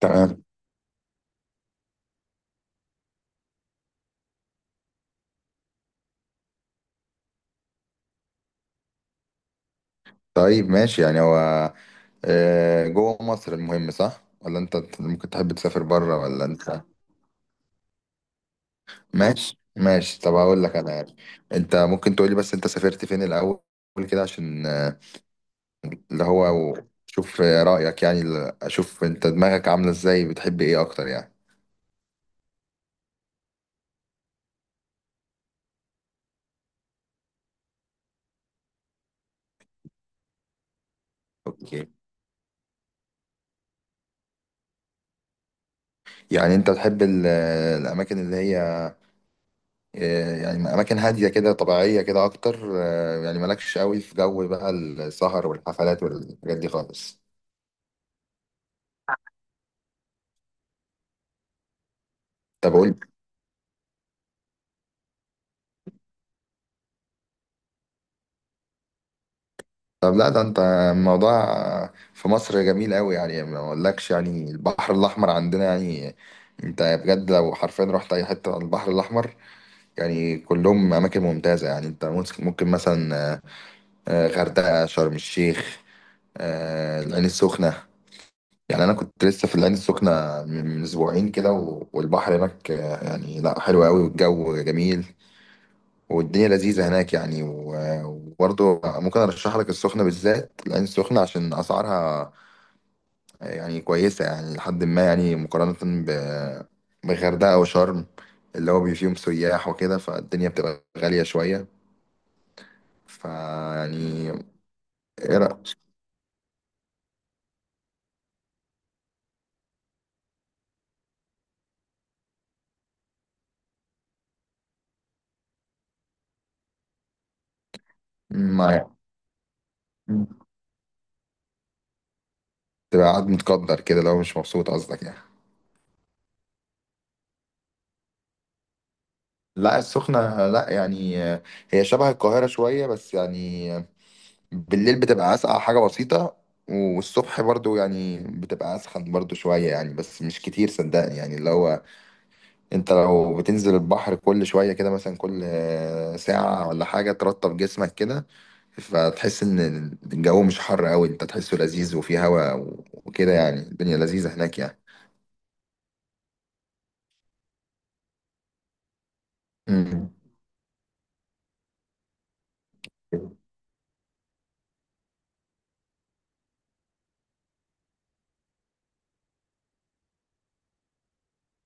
تمام. طيب ماشي، يعني هو جوه مصر المهم، صح ولا انت ممكن تحب تسافر بره ولا انت؟ ماشي ماشي، طب هقول لك انا يعني، انت ممكن تقولي بس انت سافرت فين الاول كده عشان اللي هو شوف رأيك، يعني اشوف انت دماغك عاملة ازاي، بتحب ايه اكتر يعني. اوكي، يعني انت بتحب الاماكن اللي هي يعني اماكن هادية كده طبيعية كده اكتر، يعني مالكش قوي في جو بقى السهر والحفلات والحاجات دي خالص؟ طب قول. طب لا ده انت، الموضوع في مصر جميل قوي يعني، ما اقولكش يعني، البحر الاحمر عندنا يعني انت بجد لو حرفيا رحت اي حته على البحر الاحمر يعني كلهم اماكن ممتازه. يعني انت ممكن مثلا غردقه، شرم الشيخ، العين السخنه. يعني انا كنت لسه في العين السخنه من اسبوعين كده، والبحر هناك يعني لا حلو قوي والجو جميل والدنيا لذيذة هناك يعني. وبرضه ممكن أرشح لك السخنة بالذات، لأن السخنة عشان أسعارها يعني كويسة، يعني لحد ما يعني مقارنة ب- بغردقة وشرم اللي هو بي فيهم سياح وكده، فالدنيا بتبقى غالية شوية. فيعني، إيه رأيك؟ ما تبقى قاعد متقدر كده لو مش مبسوط، قصدك يعني. لا السخنة لا، يعني هي شبه القاهرة شوية، بس يعني بالليل بتبقى اسقع حاجة بسيطة، والصبح برضو يعني بتبقى اسخن برضو شوية، يعني بس مش كتير صدقني، يعني اللي هو انت لو بتنزل البحر كل شوية كده، مثلا كل ساعة ولا حاجة، ترطب جسمك كده، فتحس ان الجو مش حر قوي، انت تحسه لذيذ وفيه هوا وكده، يعني الدنيا لذيذة هناك يعني. مم.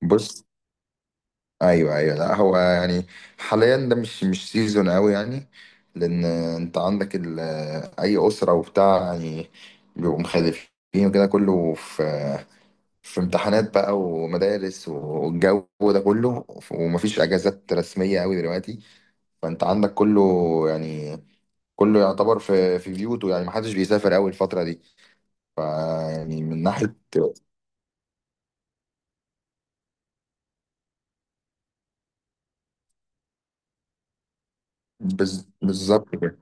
بص، ايوه ايوه، لا هو يعني حاليا ده مش سيزون قوي يعني، لان انت عندك اي اسره وبتاع يعني بيبقوا مخلفين وكده، كله في امتحانات بقى ومدارس والجو ده كله، ومفيش اجازات رسميه قوي دلوقتي. فانت عندك كله، يعني كله يعتبر في بيوته، يعني محدش بيسافر قوي الفتره دي. ف يعني من ناحيه بالظبط كده.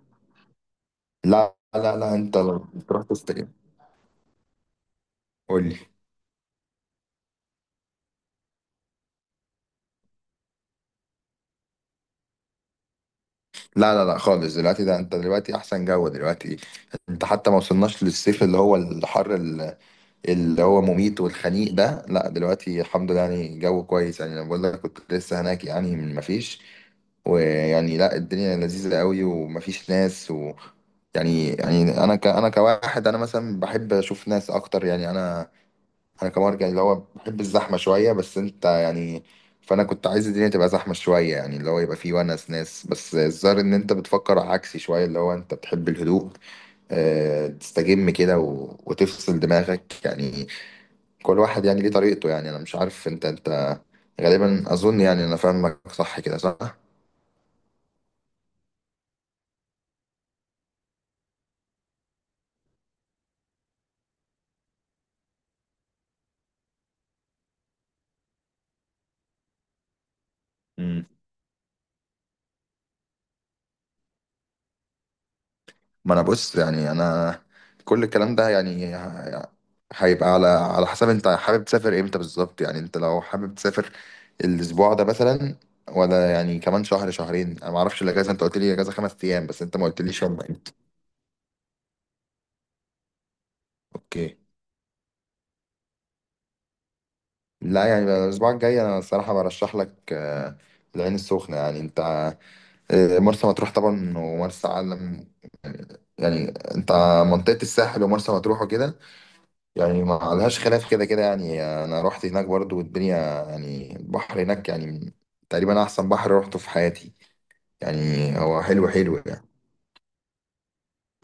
لا لا لا، انت لو تروح تستقيم، قول لي. لا لا لا خالص، دلوقتي ده انت دلوقتي احسن جو دلوقتي، انت حتى ما وصلناش للصيف اللي هو الحر اللي هو مميت والخنيق ده، لا دلوقتي الحمد لله يعني جو كويس. يعني انا بقول لك كنت لسه هناك يعني، من ما فيش، ويعني لا الدنيا لذيذة قوي ومفيش ناس و يعني يعني انا انا كواحد انا مثلا بحب اشوف ناس اكتر يعني. انا انا كمان كان اللي هو بحب الزحمه شويه، بس انت يعني، فانا كنت عايز الدنيا تبقى زحمه شويه يعني، اللي هو يبقى فيه ونس ناس. بس الظاهر ان انت بتفكر عكسي شويه، اللي هو انت بتحب الهدوء، أه تستجم كده وتفصل دماغك يعني. كل واحد يعني ليه طريقته يعني، انا مش عارف انت غالبا اظن، يعني انا فاهمك صح كده، صح؟ ما انا بص، يعني انا كل الكلام ده يعني هيبقى على حسب انت حابب تسافر امتى بالظبط. يعني انت لو حابب تسافر الاسبوع ده مثلا، ولا يعني كمان شهر شهرين، انا ما اعرفش الاجازه، انت قلت لي اجازه 5 ايام بس انت ما قلتليش هم امتى. اوكي. لا، يعني بقى الاسبوع الجاي، انا الصراحه برشح لك العين السخنه. يعني انت مرسى مطروح طبعا ومرسى علم، يعني انت منطقه الساحل ومرسى مطروح وكده يعني ما لهاش خلاف كده كده، يعني انا رحت هناك برضو والدنيا يعني البحر هناك يعني تقريبا احسن بحر روحته في حياتي، يعني هو حلو حلو يعني.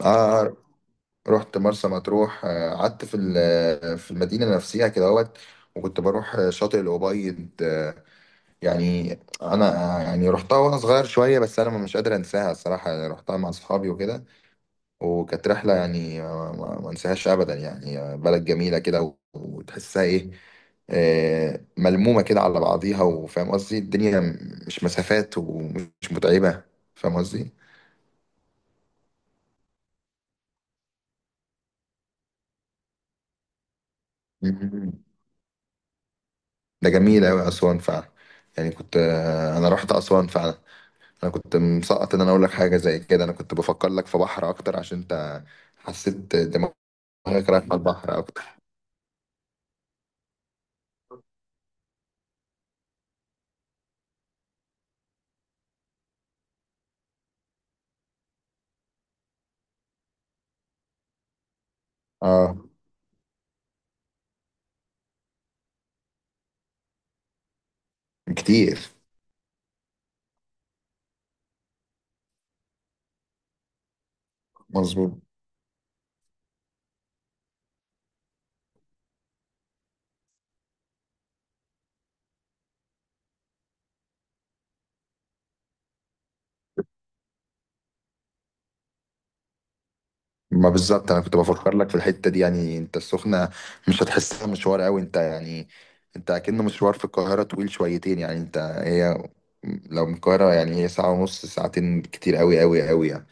اه، رحت مرسى مطروح، قعدت في في المدينة نفسها كده اهوت، وكنت بروح شاطئ الأبيض. يعني انا يعني رحتها وانا صغير شوية، بس انا مش قادر انساها الصراحة يعني، رحتها مع اصحابي وكده، وكانت رحلة يعني ما انساهاش أبدا. يعني بلد جميلة كده وتحسها إيه، ملمومة كده على بعضيها، وفاهم قصدي الدنيا مش مسافات ومش متعبة، فاهم قصدي. مم. ده جميل أوي أسوان فعلا، يعني كنت أنا رحت أسوان فعلا. أنا كنت مسقط إن أنا أقول لك حاجة زي كده، أنا كنت بفكر لك في بحر أكتر عشان أنت حسيت دماغك رايح على البحر أكتر. آه، كتير، مظبوط. ما بالظبط انا كنت بفكر لك في الحته دي، يعني انت السخنه مش هتحسها مشوار قوي انت يعني، انت اكنه مشوار في القاهره طويل شويتين، يعني انت هي لو من القاهره يعني هي ساعه ونص، ساعتين كتير قوي قوي قوي يعني.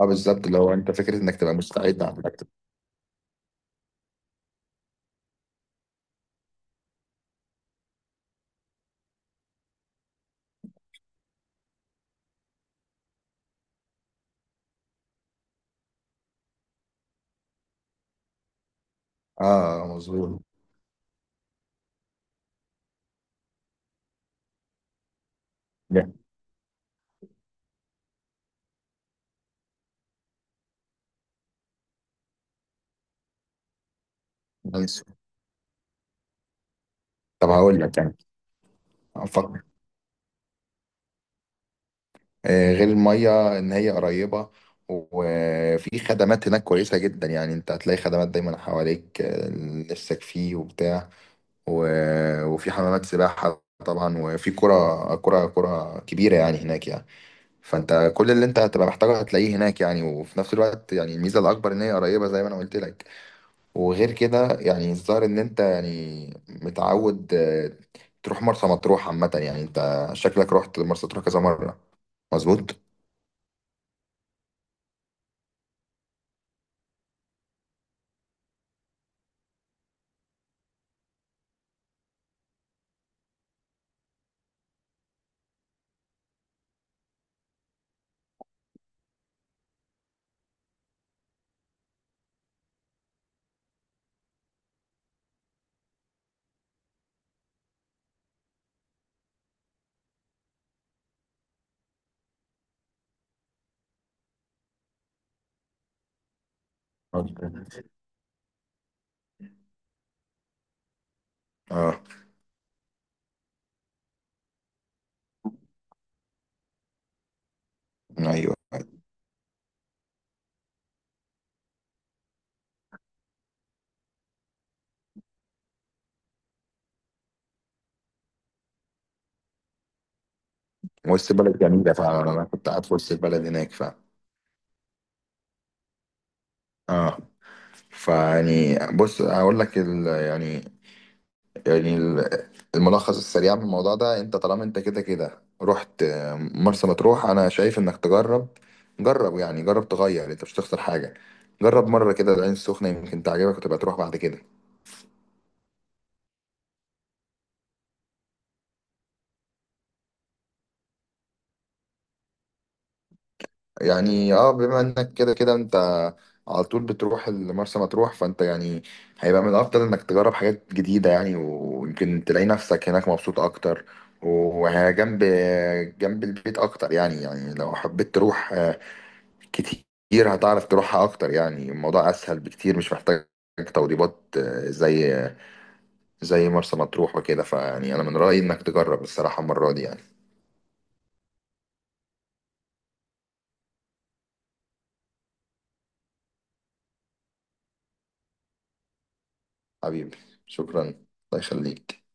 اه بالظبط، اللي هو انت فكره انك تبقى مستعد على انك تبقى- اه مظبوط. yeah. nice. طب هقول لك يعني، افكر، غير الميه ان هي قريبه، وفي خدمات هناك كويسه جدا، يعني انت هتلاقي خدمات دايما حواليك نفسك فيه وبتاع، و... وفي حمامات سباحة طبعا، وفي كرة كبيرة يعني هناك يعني. فانت كل اللي انت هتبقى محتاجه هتلاقيه هناك يعني، وفي نفس الوقت يعني الميزة الأكبر ان هي قريبة زي ما انا قلت لك. وغير كده يعني الظاهر ان انت يعني متعود تروح مرسى مطروح عامة، يعني انت شكلك رحت مرسى مطروح كذا مرة، مظبوط؟ مظبوط. اه، ايوه، وسط البلد جميلة فعلا، أنا كنت قاعد في وسط البلد هناك فعلا. اه. فيعني بص هقول لك يعني يعني الملخص السريع من الموضوع ده، انت طالما انت كده كده رحت مرسى مطروح، انا شايف انك تجرب. جرب يعني، جرب تغير انت مش هتخسر حاجة، جرب مرة كده العين السخنة، يمكن تعجبك وتبقى تروح بعد كده. يعني اه، بما انك كده كده انت على طول بتروح مرسى مطروح، فانت يعني هيبقى من الافضل انك تجرب حاجات جديدة يعني، ويمكن تلاقي نفسك هناك مبسوط اكتر. وهي جنب البيت اكتر يعني، يعني لو حبيت تروح كتير هتعرف تروحها اكتر، يعني الموضوع اسهل بكتير، مش محتاج توضيبات زي مرسى مطروح وكده. فيعني انا من رأيي انك تجرب الصراحة المرة دي يعني. حبيبي، شكرا الله يخليك.